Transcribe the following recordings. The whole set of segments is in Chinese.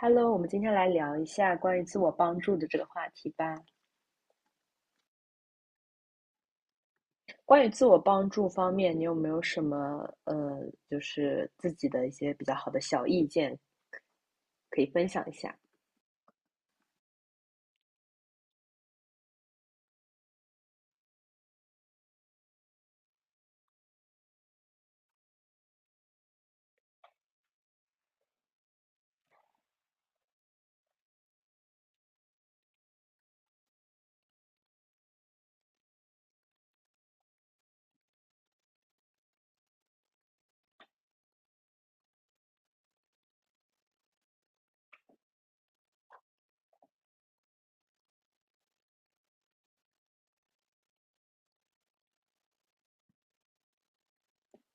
Hello，我们今天来聊一下关于自我帮助的这个话题吧。关于自我帮助方面，你有没有什么就是自己的一些比较好的小意见可以分享一下？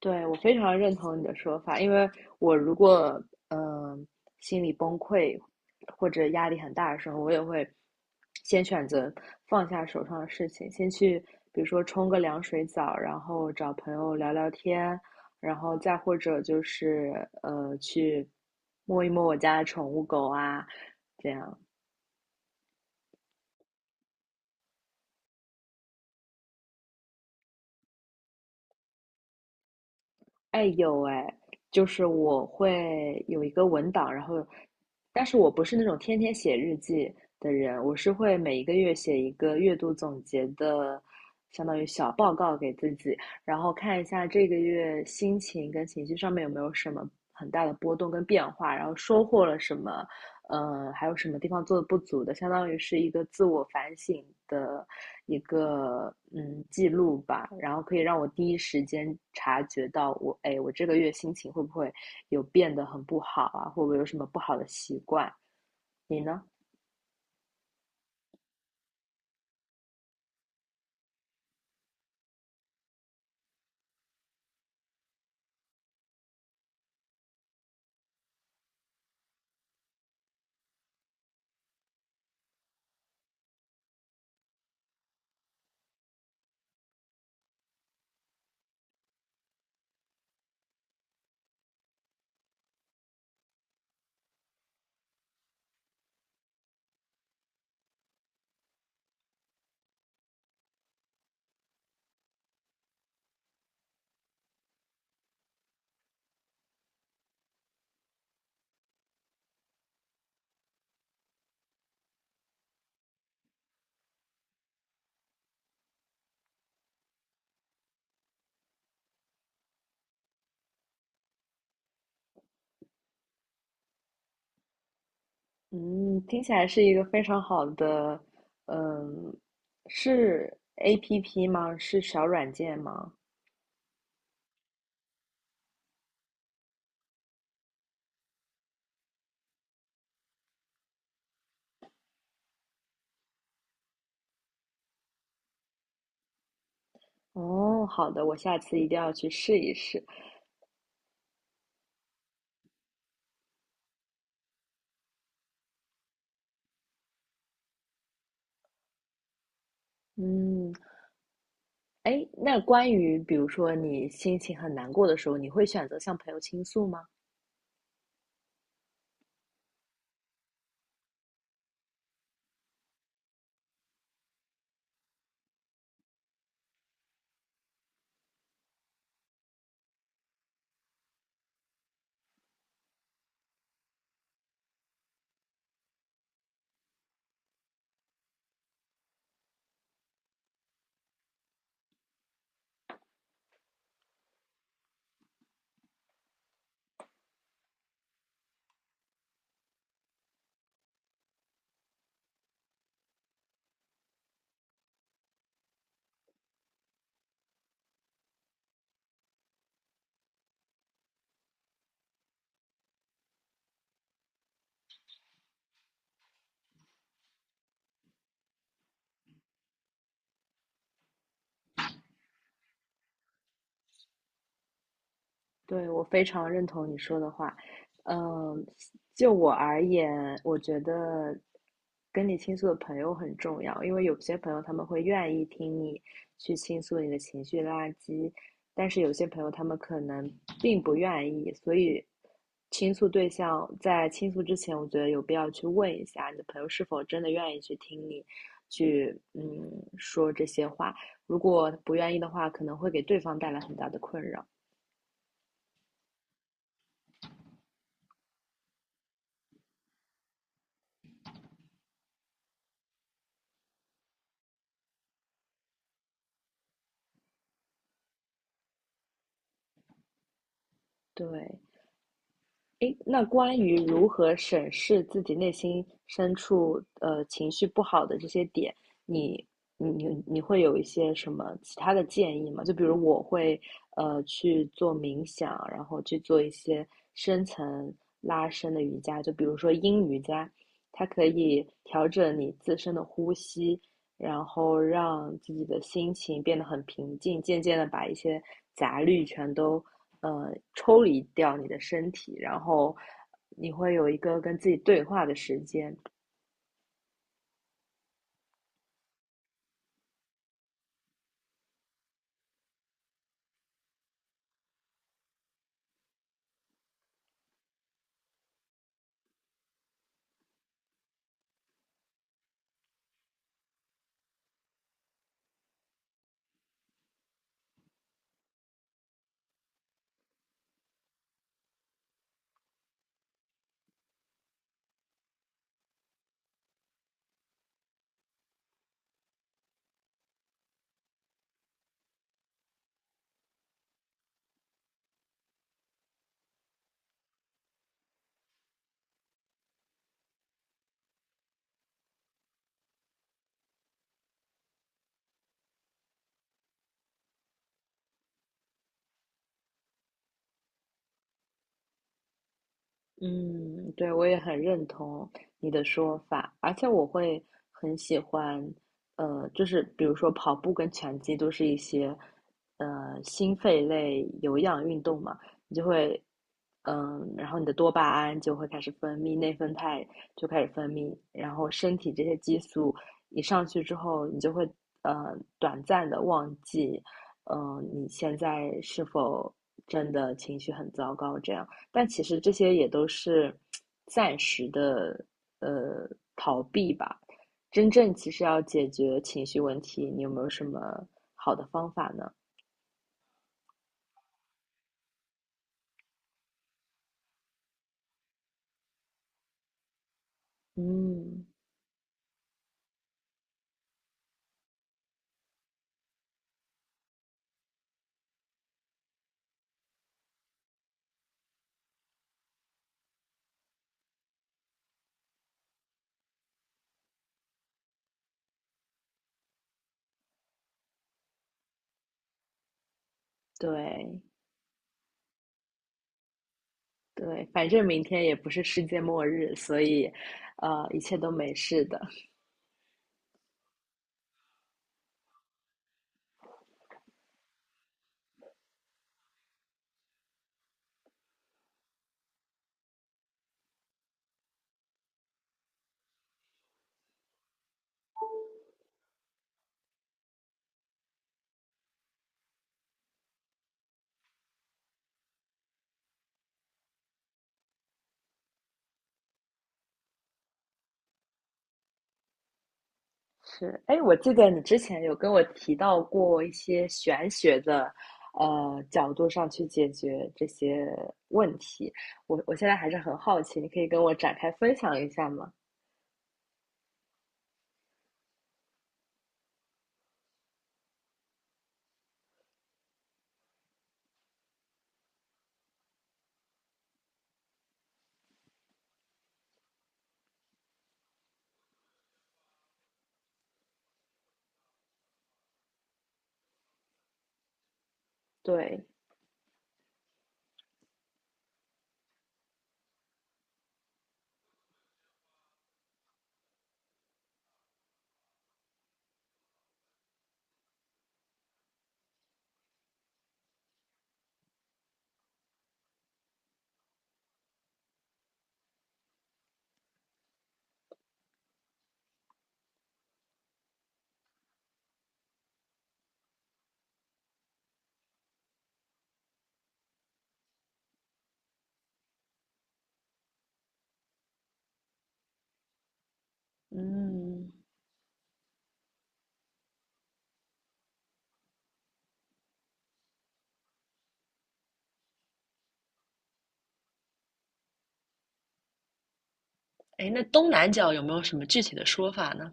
对，我非常认同你的说法，因为我如果嗯、呃心里崩溃或者压力很大的时候，我也会先选择放下手上的事情，先去比如说冲个凉水澡，然后找朋友聊聊天，然后再或者就是去摸一摸我家的宠物狗啊，这样。哎，有哎，就是我会有一个文档，然后，但是我不是那种天天写日记的人，我是会每一个月写一个月度总结的，相当于小报告给自己，然后看一下这个月心情跟情绪上面有没有什么很大的波动跟变化，然后收获了什么，还有什么地方做的不足的，相当于是一个自我反省的一个记录吧，然后可以让我第一时间察觉到我，哎，我这个月心情会不会有变得很不好啊，会不会有什么不好的习惯？你呢？嗯，听起来是一个非常好的，嗯，是 APP 吗？是小软件吗？哦，好的，我下次一定要去试一试。嗯，哎，那关于比如说你心情很难过的时候，你会选择向朋友倾诉吗？对，我非常认同你说的话。嗯，就我而言，我觉得跟你倾诉的朋友很重要，因为有些朋友他们会愿意听你去倾诉你的情绪垃圾，但是有些朋友他们可能并不愿意，所以倾诉对象在倾诉之前，我觉得有必要去问一下你的朋友是否真的愿意去听你去说这些话，如果不愿意的话，可能会给对方带来很大的困扰。对，诶，那关于如何审视自己内心深处，情绪不好的这些点，你你会有一些什么其他的建议吗？就比如我会去做冥想，然后去做一些深层拉伸的瑜伽，就比如说阴瑜伽，它可以调整你自身的呼吸，然后让自己的心情变得很平静，渐渐的把一些杂虑全都抽离掉你的身体，然后你会有一个跟自己对话的时间。嗯，对，我也很认同你的说法，而且我会很喜欢，就是比如说跑步跟拳击都是一些，心肺类有氧运动嘛，你就会，然后你的多巴胺就会开始分泌，内啡肽就开始分泌，然后身体这些激素一上去之后，你就会，短暂的忘记，你现在是否真的情绪很糟糕这样。但其实这些也都是暂时的呃逃避吧。真正其实要解决情绪问题，你有没有什么好的方法呢？嗯，对对，反正明天也不是世界末日，所以一切都没事的。是，哎，我记得你之前有跟我提到过一些玄学的角度上去解决这些问题，我现在还是很好奇，你可以跟我展开分享一下吗？对，嗯那东南角有没有什么具体的说法呢？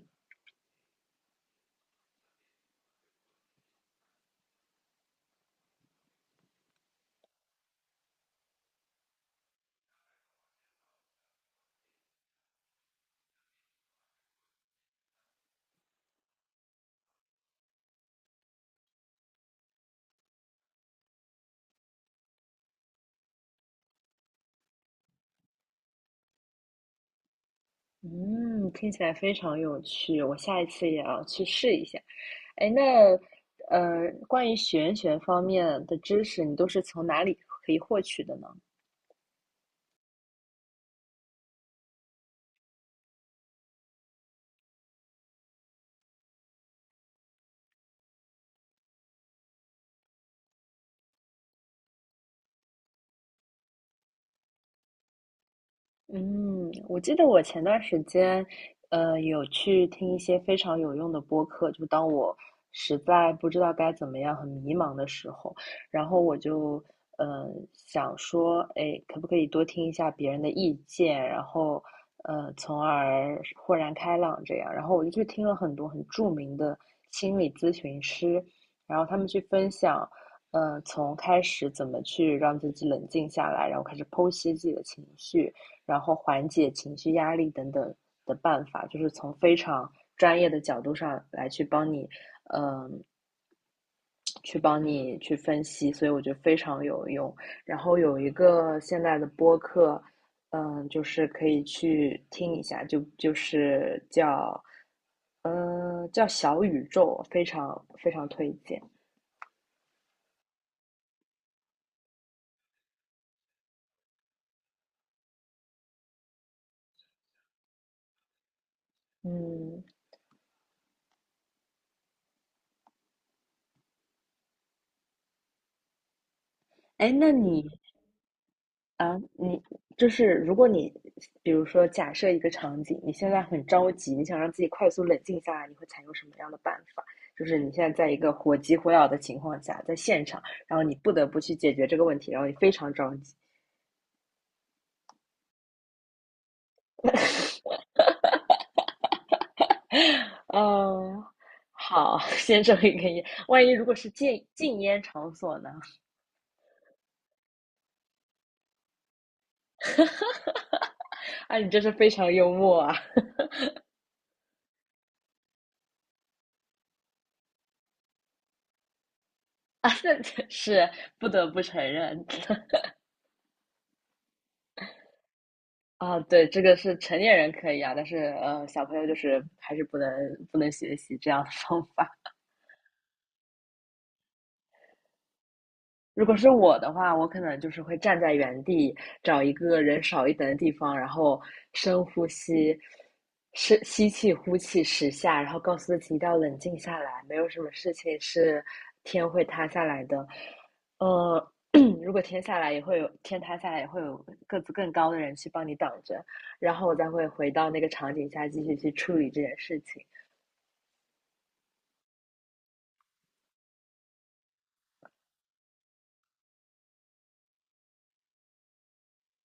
嗯，听起来非常有趣，我下一次也要去试一下。哎，那关于玄学方面的知识，你都是从哪里可以获取的呢？嗯，我记得我前段时间，有去听一些非常有用的播客，就当我实在不知道该怎么样、很迷茫的时候，然后我就，呃，想说，哎，可不可以多听一下别人的意见，然后，从而豁然开朗这样。然后我就去听了很多很著名的心理咨询师，然后他们去分享，从开始怎么去让自己冷静下来，然后开始剖析自己的情绪。然后缓解情绪压力等等的办法，就是从非常专业的角度上来去帮你，嗯，去帮你去分析，所以我觉得非常有用。然后有一个现在的播客，就是可以去听一下，就是叫，叫小宇宙，非常非常推荐。嗯，哎，那你啊，你就是如果你，比如说假设一个场景，你现在很着急，你想让自己快速冷静下来，你会采用什么样的办法？就是你现在在一个火急火燎的情况下，在现场，然后你不得不去解决这个问题，然后你非常着急。嗯，好，先生一根烟。万一如果是禁烟场所呢？啊，你真是非常幽默啊！啊，那是不得不承认。啊，对，这个是成年人可以啊，但是小朋友就是还是不能学习这样的方法。如果是我的话，我可能就是会站在原地，找一个人少一点的地方，然后深呼吸，深吸气、呼气10下，然后告诉自己一定要冷静下来，没有什么事情是天会塌下来的。呃，如果天下来也会有天塌下来，也会有个子更高的人去帮你挡着，然后我再会回到那个场景下继续去处理这件事情。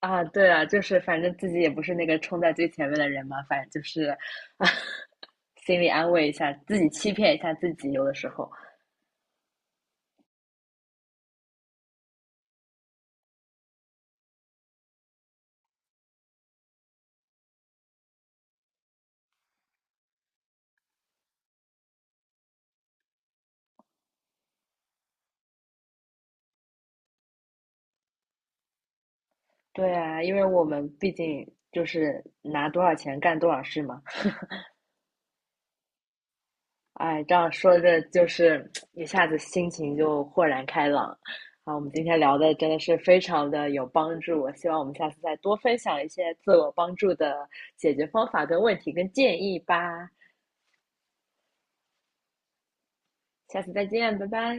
啊，对啊，就是反正自己也不是那个冲在最前面的人嘛，反正就是 心里安慰一下自己，欺骗一下自己，有的时候。对啊，因为我们毕竟就是拿多少钱干多少事嘛。哎，这样说着就是一下子心情就豁然开朗。啊，我们今天聊的真的是非常的有帮助，我希望我们下次再多分享一些自我帮助的解决方法跟问题跟建议吧。下次再见，拜拜。